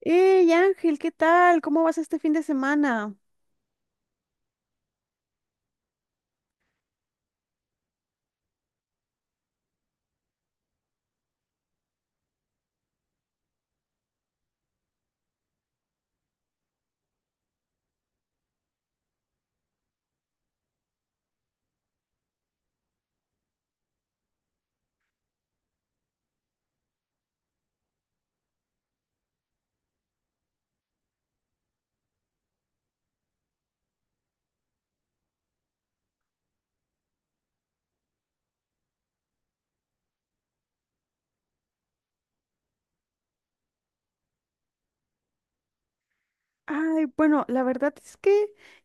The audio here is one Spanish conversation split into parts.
¡Ey, Ángel! ¿Qué tal? ¿Cómo vas este fin de semana? Ay, bueno, la verdad es que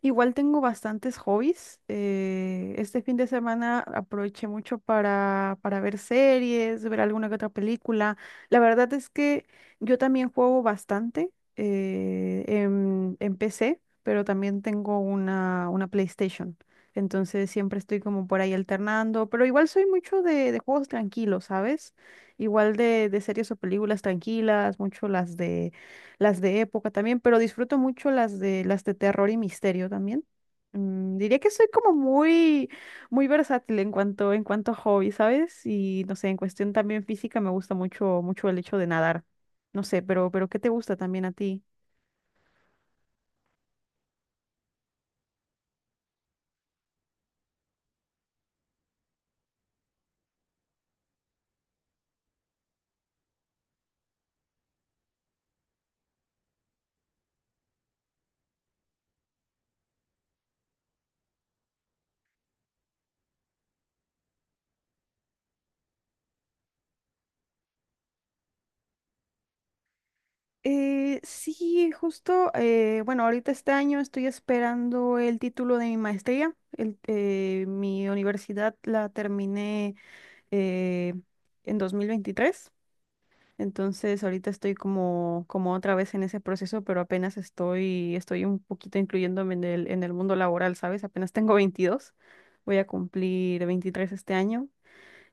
igual tengo bastantes hobbies. Este fin de semana aproveché mucho para ver series, ver alguna que otra película. La verdad es que yo también juego bastante en PC, pero también tengo una PlayStation. Entonces siempre estoy como por ahí alternando, pero igual soy mucho de juegos tranquilos, ¿sabes? Igual de series o películas tranquilas, mucho las de época también, pero disfruto mucho las de terror y misterio también. Diría que soy como muy versátil en cuanto a hobby, ¿sabes? Y no sé, en cuestión también física me gusta mucho el hecho de nadar. No sé, pero ¿qué te gusta también a ti? Sí, justo, bueno, ahorita este año estoy esperando el título de mi maestría. Mi universidad la terminé eh, en 2023. Entonces, ahorita estoy como otra vez en ese proceso, pero apenas estoy un poquito incluyéndome en el mundo laboral, ¿sabes? Apenas tengo veintidós, voy a cumplir 23 este año.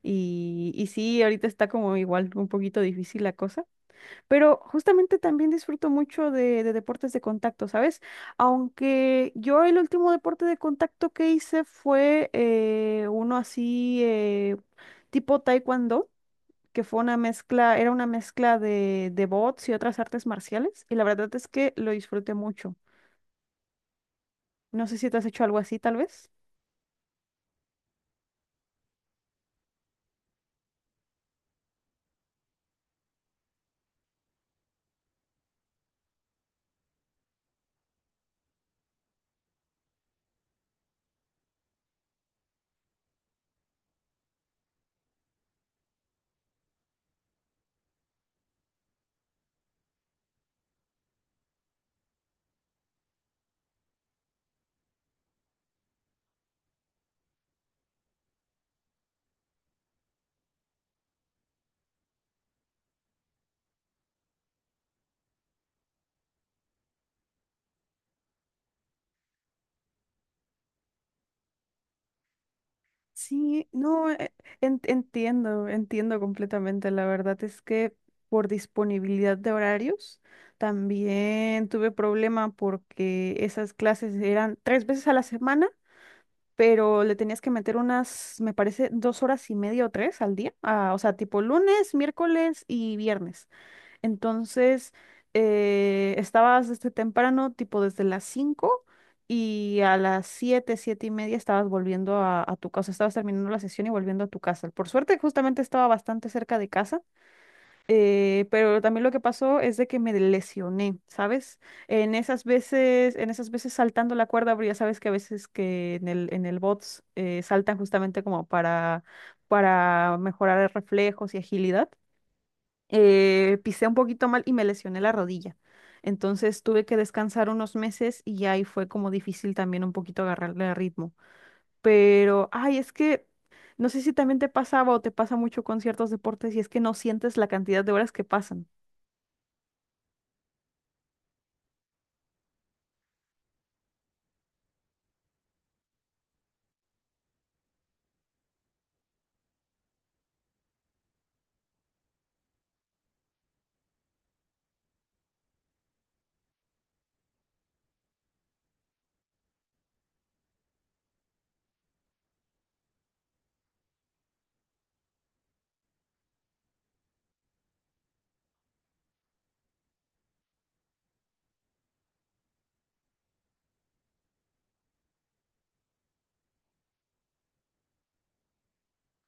Y sí, ahorita está como igual un poquito difícil la cosa, pero justamente también disfruto mucho de deportes de contacto, ¿sabes? Aunque yo el último deporte de contacto que hice fue uno así tipo taekwondo que fue una mezcla, era una mezcla de bots y otras artes marciales, y la verdad es que lo disfruté mucho. No sé si te has hecho algo así, tal vez. Sí, no, entiendo, entiendo completamente. La verdad es que por disponibilidad de horarios también tuve problema porque esas clases eran tres veces a la semana, pero le tenías que meter unas, me parece, dos horas y media o tres al día. Ah, o sea, tipo lunes, miércoles y viernes. Entonces, estabas desde temprano, tipo desde las 5 y a las 7 7 y media estabas volviendo a tu casa, estabas terminando la sesión y volviendo a tu casa. Por suerte, justamente estaba bastante cerca de casa, pero también lo que pasó es de que me lesioné, ¿sabes? En esas veces saltando la cuerda, pero ya sabes que a veces que en el bots saltan justamente como para mejorar reflejos y agilidad, pisé un poquito mal y me lesioné la rodilla. Entonces tuve que descansar unos meses y ahí fue como difícil también un poquito agarrarle el ritmo. Pero, ay, es que no sé si también te pasaba o te pasa mucho con ciertos deportes y es que no sientes la cantidad de horas que pasan.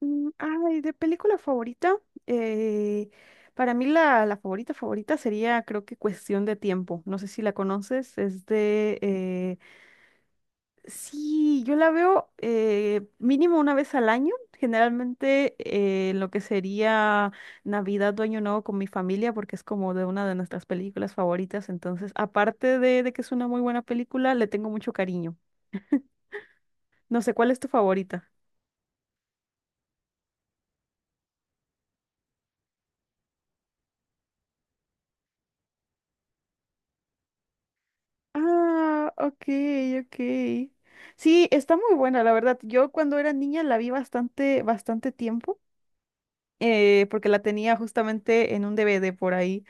Ay, de película favorita, eh, para mí la favorita favorita sería creo que Cuestión de Tiempo. No sé si la conoces, es de... Sí, yo la veo mínimo una vez al año, generalmente en lo que sería Navidad o Año Nuevo con mi familia, porque es como de una de nuestras películas favoritas. Entonces, aparte de que es una muy buena película, le tengo mucho cariño. No sé, ¿cuál es tu favorita? Ah, ok, ok. Sí, está muy buena, la verdad. Yo cuando era niña la vi bastante, bastante tiempo, porque la tenía justamente en un DVD por ahí.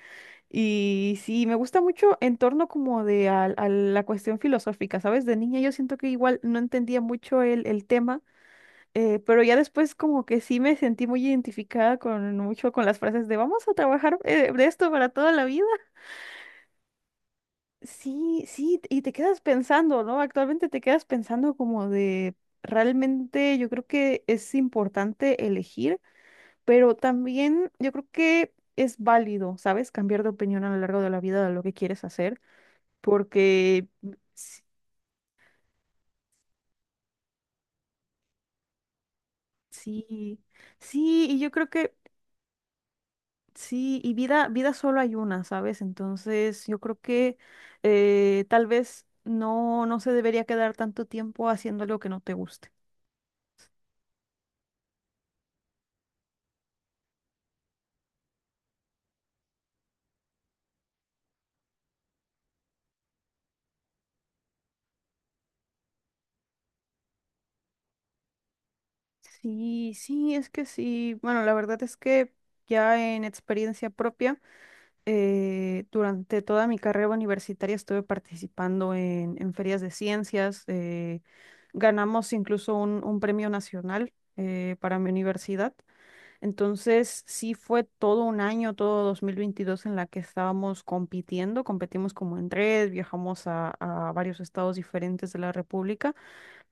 Y sí, me gusta mucho en torno como de a la cuestión filosófica, ¿sabes? De niña yo siento que igual no entendía mucho el tema, pero ya después como que sí me sentí muy identificada con mucho con las frases de vamos a trabajar, de esto para toda la vida. Sí, sí, y te quedas pensando, ¿no? Actualmente te quedas pensando como de realmente yo creo que es importante elegir, pero también yo creo que es válido, ¿sabes? Cambiar de opinión a lo largo de la vida de lo que quieres hacer porque... s- sí, sí, y yo creo que sí, y vida, vida solo hay una, ¿sabes? Entonces yo creo que tal vez no se debería quedar tanto tiempo haciendo algo que no te guste. Sí, sí, es que sí. Bueno, la verdad es que ya en experiencia propia. Durante toda mi carrera universitaria estuve participando en ferias de ciencias. Ganamos incluso un premio nacional para mi universidad. Entonces, sí fue todo un año, todo 2022 en la que estábamos compitiendo. Competimos como en red, viajamos a varios estados diferentes de la República,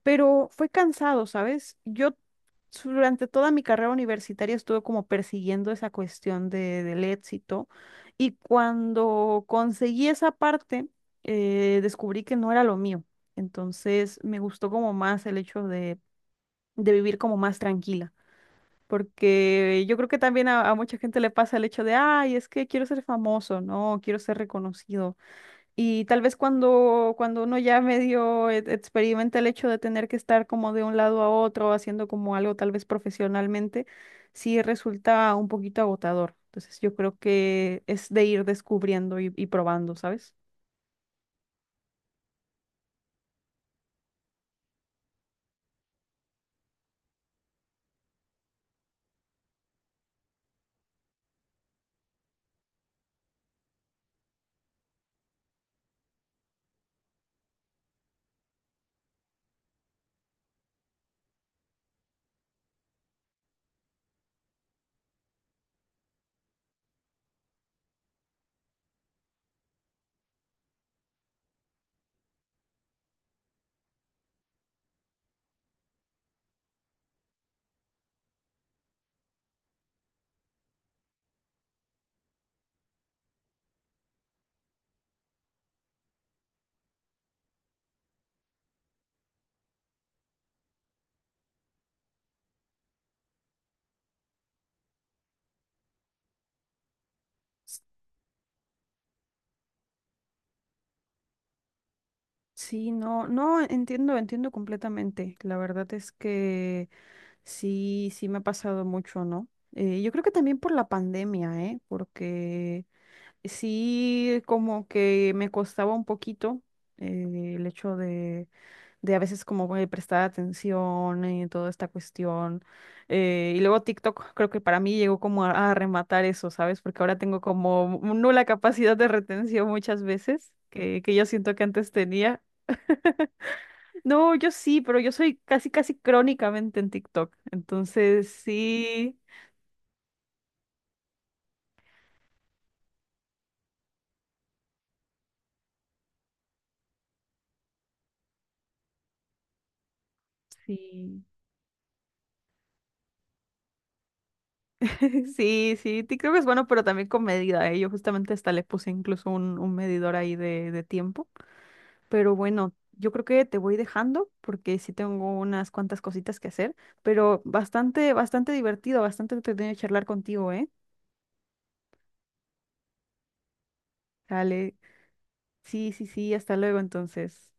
pero fue cansado, ¿sabes? Yo durante toda mi carrera universitaria estuve como persiguiendo esa cuestión de, del éxito y cuando conseguí esa parte, descubrí que no era lo mío. Entonces me gustó como más el hecho de vivir como más tranquila. Porque yo creo que también a mucha gente le pasa el hecho de, ay, es que quiero ser famoso, ¿no? Quiero ser reconocido. Y tal vez cuando uno ya medio experimenta el hecho de tener que estar como de un lado a otro, haciendo como algo tal vez profesionalmente, sí resulta un poquito agotador. Entonces yo creo que es de ir descubriendo y probando, ¿sabes? Sí, no, no, entiendo, entiendo completamente. La verdad es que sí, sí me ha pasado mucho, ¿no? Yo creo que también por la pandemia, ¿eh? Porque sí, como que me costaba un poquito el hecho de a veces como güey, prestar atención y toda esta cuestión. Y luego TikTok creo que para mí llegó como a rematar eso, ¿sabes? Porque ahora tengo como nula capacidad de retención muchas veces, que yo siento que antes tenía. No, yo sí, pero yo soy casi crónicamente en TikTok. Entonces, sí, sí. Sí, sí, creo que es bueno, pero también con medida, ¿eh? Yo justamente hasta le puse incluso un medidor ahí de tiempo. Pero bueno, yo creo que te voy dejando porque sí tengo unas cuantas cositas que hacer, pero bastante, bastante divertido, bastante entretenido charlar contigo, ¿eh? Dale, sí, sí, sí, hasta luego entonces.